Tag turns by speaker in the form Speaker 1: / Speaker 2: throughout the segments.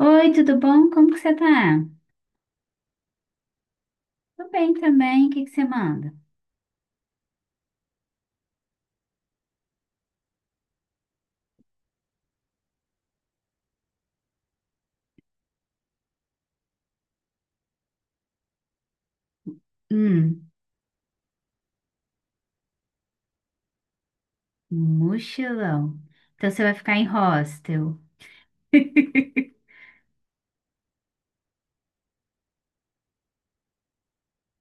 Speaker 1: Oi, tudo bom? Como que você tá? Tô bem também. O que que você manda? Hum, mochilão. Então você vai ficar em hostel.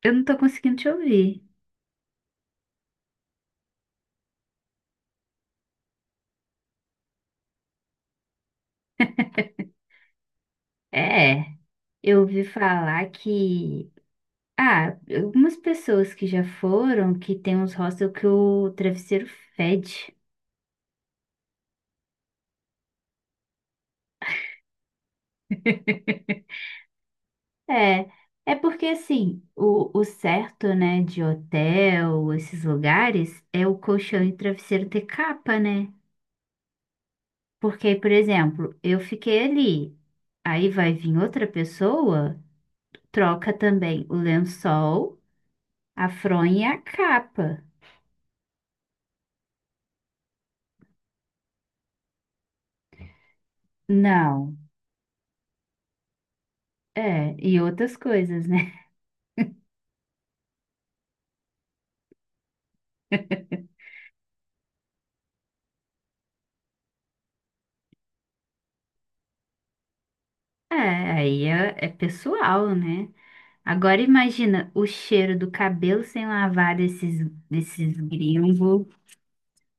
Speaker 1: Eu não tô conseguindo te ouvir. É, eu ouvi falar que... Ah, algumas pessoas que já foram, que tem uns hostels que o travesseiro fede. É, é porque assim, o certo, né, de hotel, esses lugares, é o colchão e o travesseiro ter capa, né? Porque, por exemplo, eu fiquei ali, aí vai vir outra pessoa, troca também o lençol, a fronha e a capa. Não, é, e outras coisas, né? É, aí é pessoal, né? Agora imagina o cheiro do cabelo sem lavar desses gringos,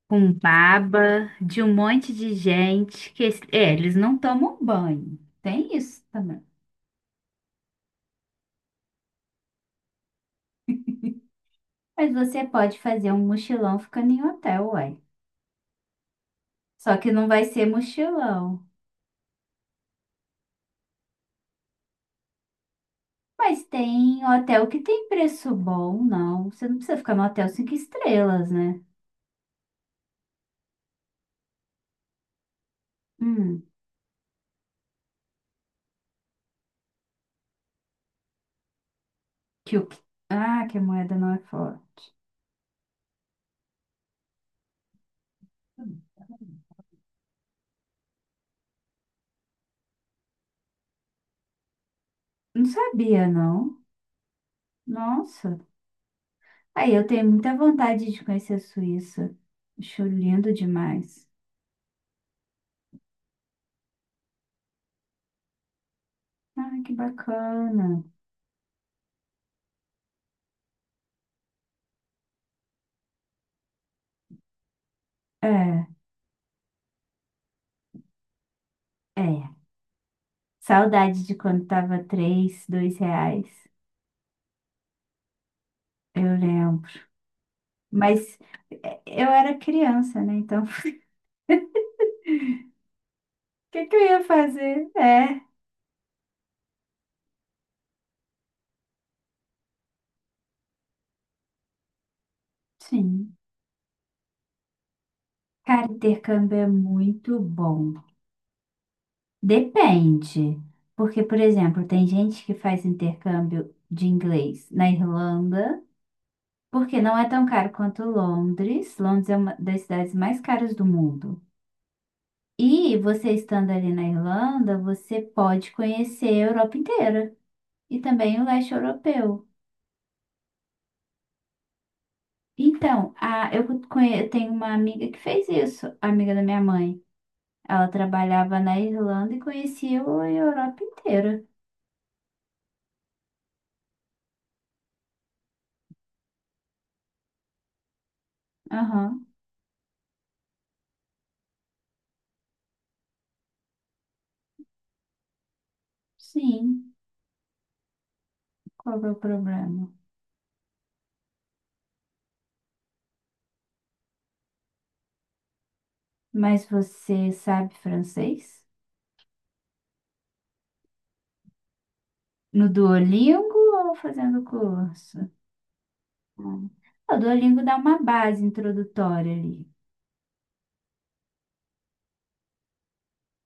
Speaker 1: com baba, de um monte de gente que, é, eles não tomam banho. Tem isso também. Mas você pode fazer um mochilão ficando em hotel, ué. Só que não vai ser mochilão. Mas tem hotel que tem preço bom, não. Você não precisa ficar no hotel cinco estrelas, né? Hum, que o que... Ah, que a moeda não é forte. Hum, Não sabia, não. Nossa. Aí eu tenho muita vontade de conhecer a Suíça. Acho lindo demais. Ah, que bacana. É, é. Saudade de quando tava três, R$ 2. Eu lembro. Mas eu era criança, né? Então que eu ia fazer? É, sim. Cara, intercâmbio é muito bom. Depende. Porque, por exemplo, tem gente que faz intercâmbio de inglês na Irlanda, porque não é tão caro quanto Londres. Londres é uma das cidades mais caras do mundo. E você estando ali na Irlanda, você pode conhecer a Europa inteira e também o leste europeu. Então, eu tenho uma amiga que fez isso, amiga da minha mãe. Ela trabalhava na Irlanda e conhecia a Europa inteira. Aham, sim. Qual que é o problema? Mas você sabe francês? No Duolingo ou fazendo curso? Ah, o Duolingo dá uma base introdutória ali.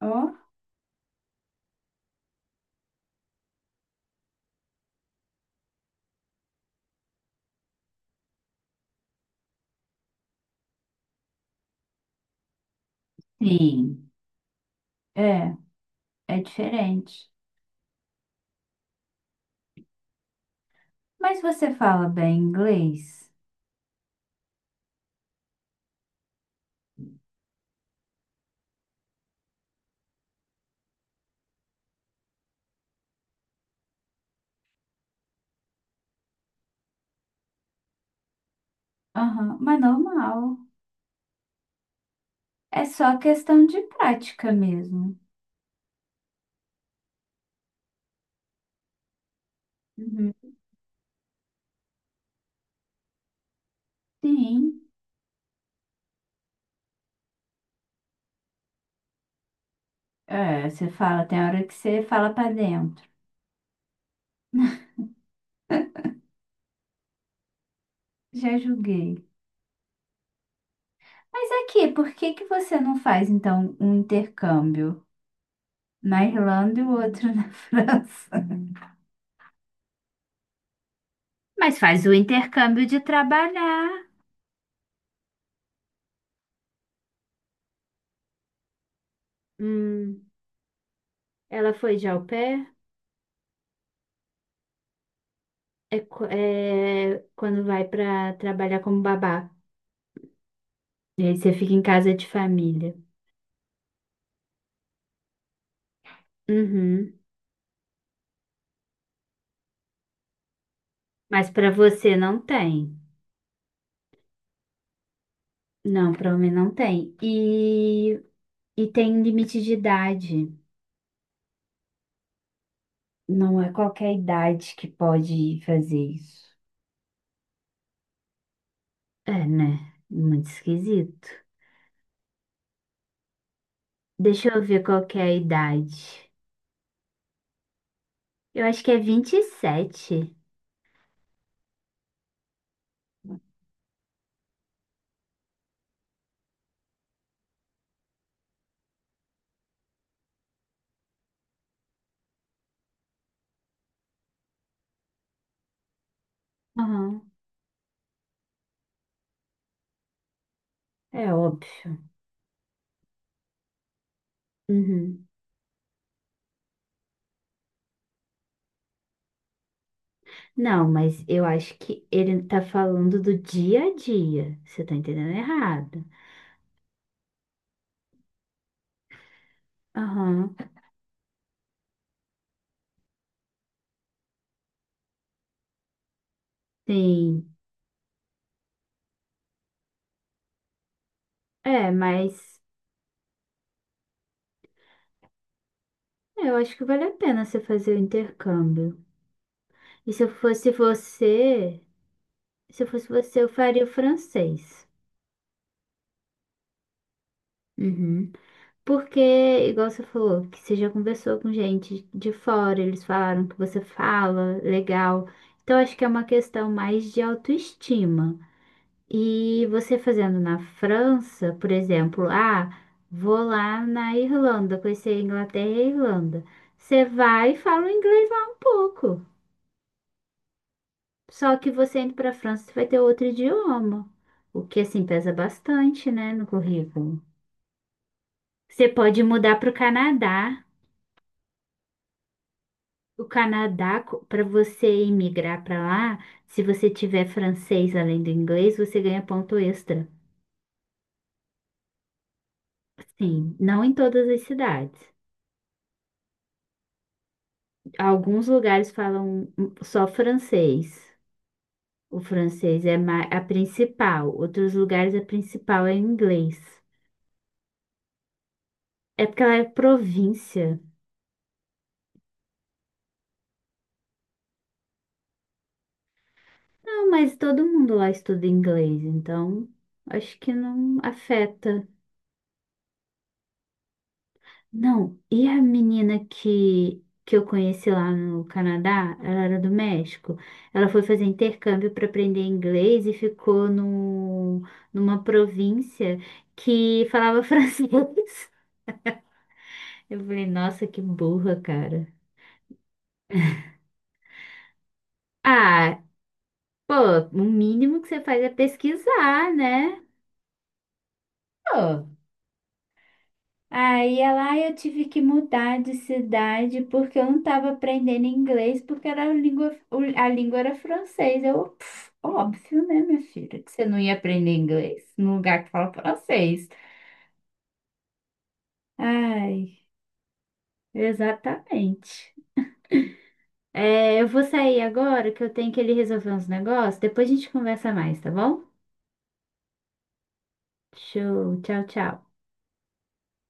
Speaker 1: Ó, sim. É, é diferente. Mas você fala bem inglês? Aham, mas normal. É só questão de prática mesmo. Uhum. Sim. É, você fala, tem hora que você fala pra dentro. Já julguei. Mas aqui, por que que você não faz então um intercâmbio na Irlanda e o outro na França? Mas faz o intercâmbio de trabalhar. Hum, ela foi de au pair? É, é quando vai pra trabalhar como babá. E aí você fica em casa de família. Uhum. Mas pra você não tem. Não, pra mim não tem. E tem limite de idade. Não é qualquer idade que pode fazer isso. É, né? Muito esquisito. Deixa eu ver qual que é a idade. Eu acho que é 27. Aham, é óbvio. Uhum. Não, mas eu acho que ele tá falando do dia a dia. Você tá entendendo errado. Aham. Sim. É, mas eu acho que vale a pena você fazer o intercâmbio. E se eu fosse você, eu faria o francês. Uhum. Porque, igual você falou, que você já conversou com gente de fora, eles falaram que você fala legal. Então, acho que é uma questão mais de autoestima. E você fazendo na França, por exemplo, ah, vou lá na Irlanda, conhecer a Inglaterra e a Irlanda. Você vai e fala o inglês lá um pouco. Só que você indo para a França, você vai ter outro idioma. O que, assim, pesa bastante, né, no currículo. Você pode mudar para o Canadá. O Canadá, para você emigrar para lá, se você tiver francês além do inglês, você ganha ponto extra. Sim, não em todas as cidades. Alguns lugares falam só francês. O francês é a principal. Outros lugares a principal é inglês. É porque ela é província. Não, mas todo mundo lá estuda inglês, então acho que não afeta. Não, e a menina que eu conheci lá no Canadá, ela era do México. Ela foi fazer intercâmbio para aprender inglês e ficou no, numa província que falava francês. Eu falei, nossa, que burra, cara. Ah, pô, o mínimo que você faz é pesquisar, né? Pô. Aí lá eu tive que mudar de cidade porque eu não estava aprendendo inglês, porque era a língua, a língua era francês. Eu, pff, óbvio, né, minha filha, que você não ia aprender inglês num lugar que fala francês. Ai, exatamente. É, eu vou sair agora que eu tenho que ele resolver uns negócios. Depois a gente conversa mais, tá bom? Show, tchau, tchau.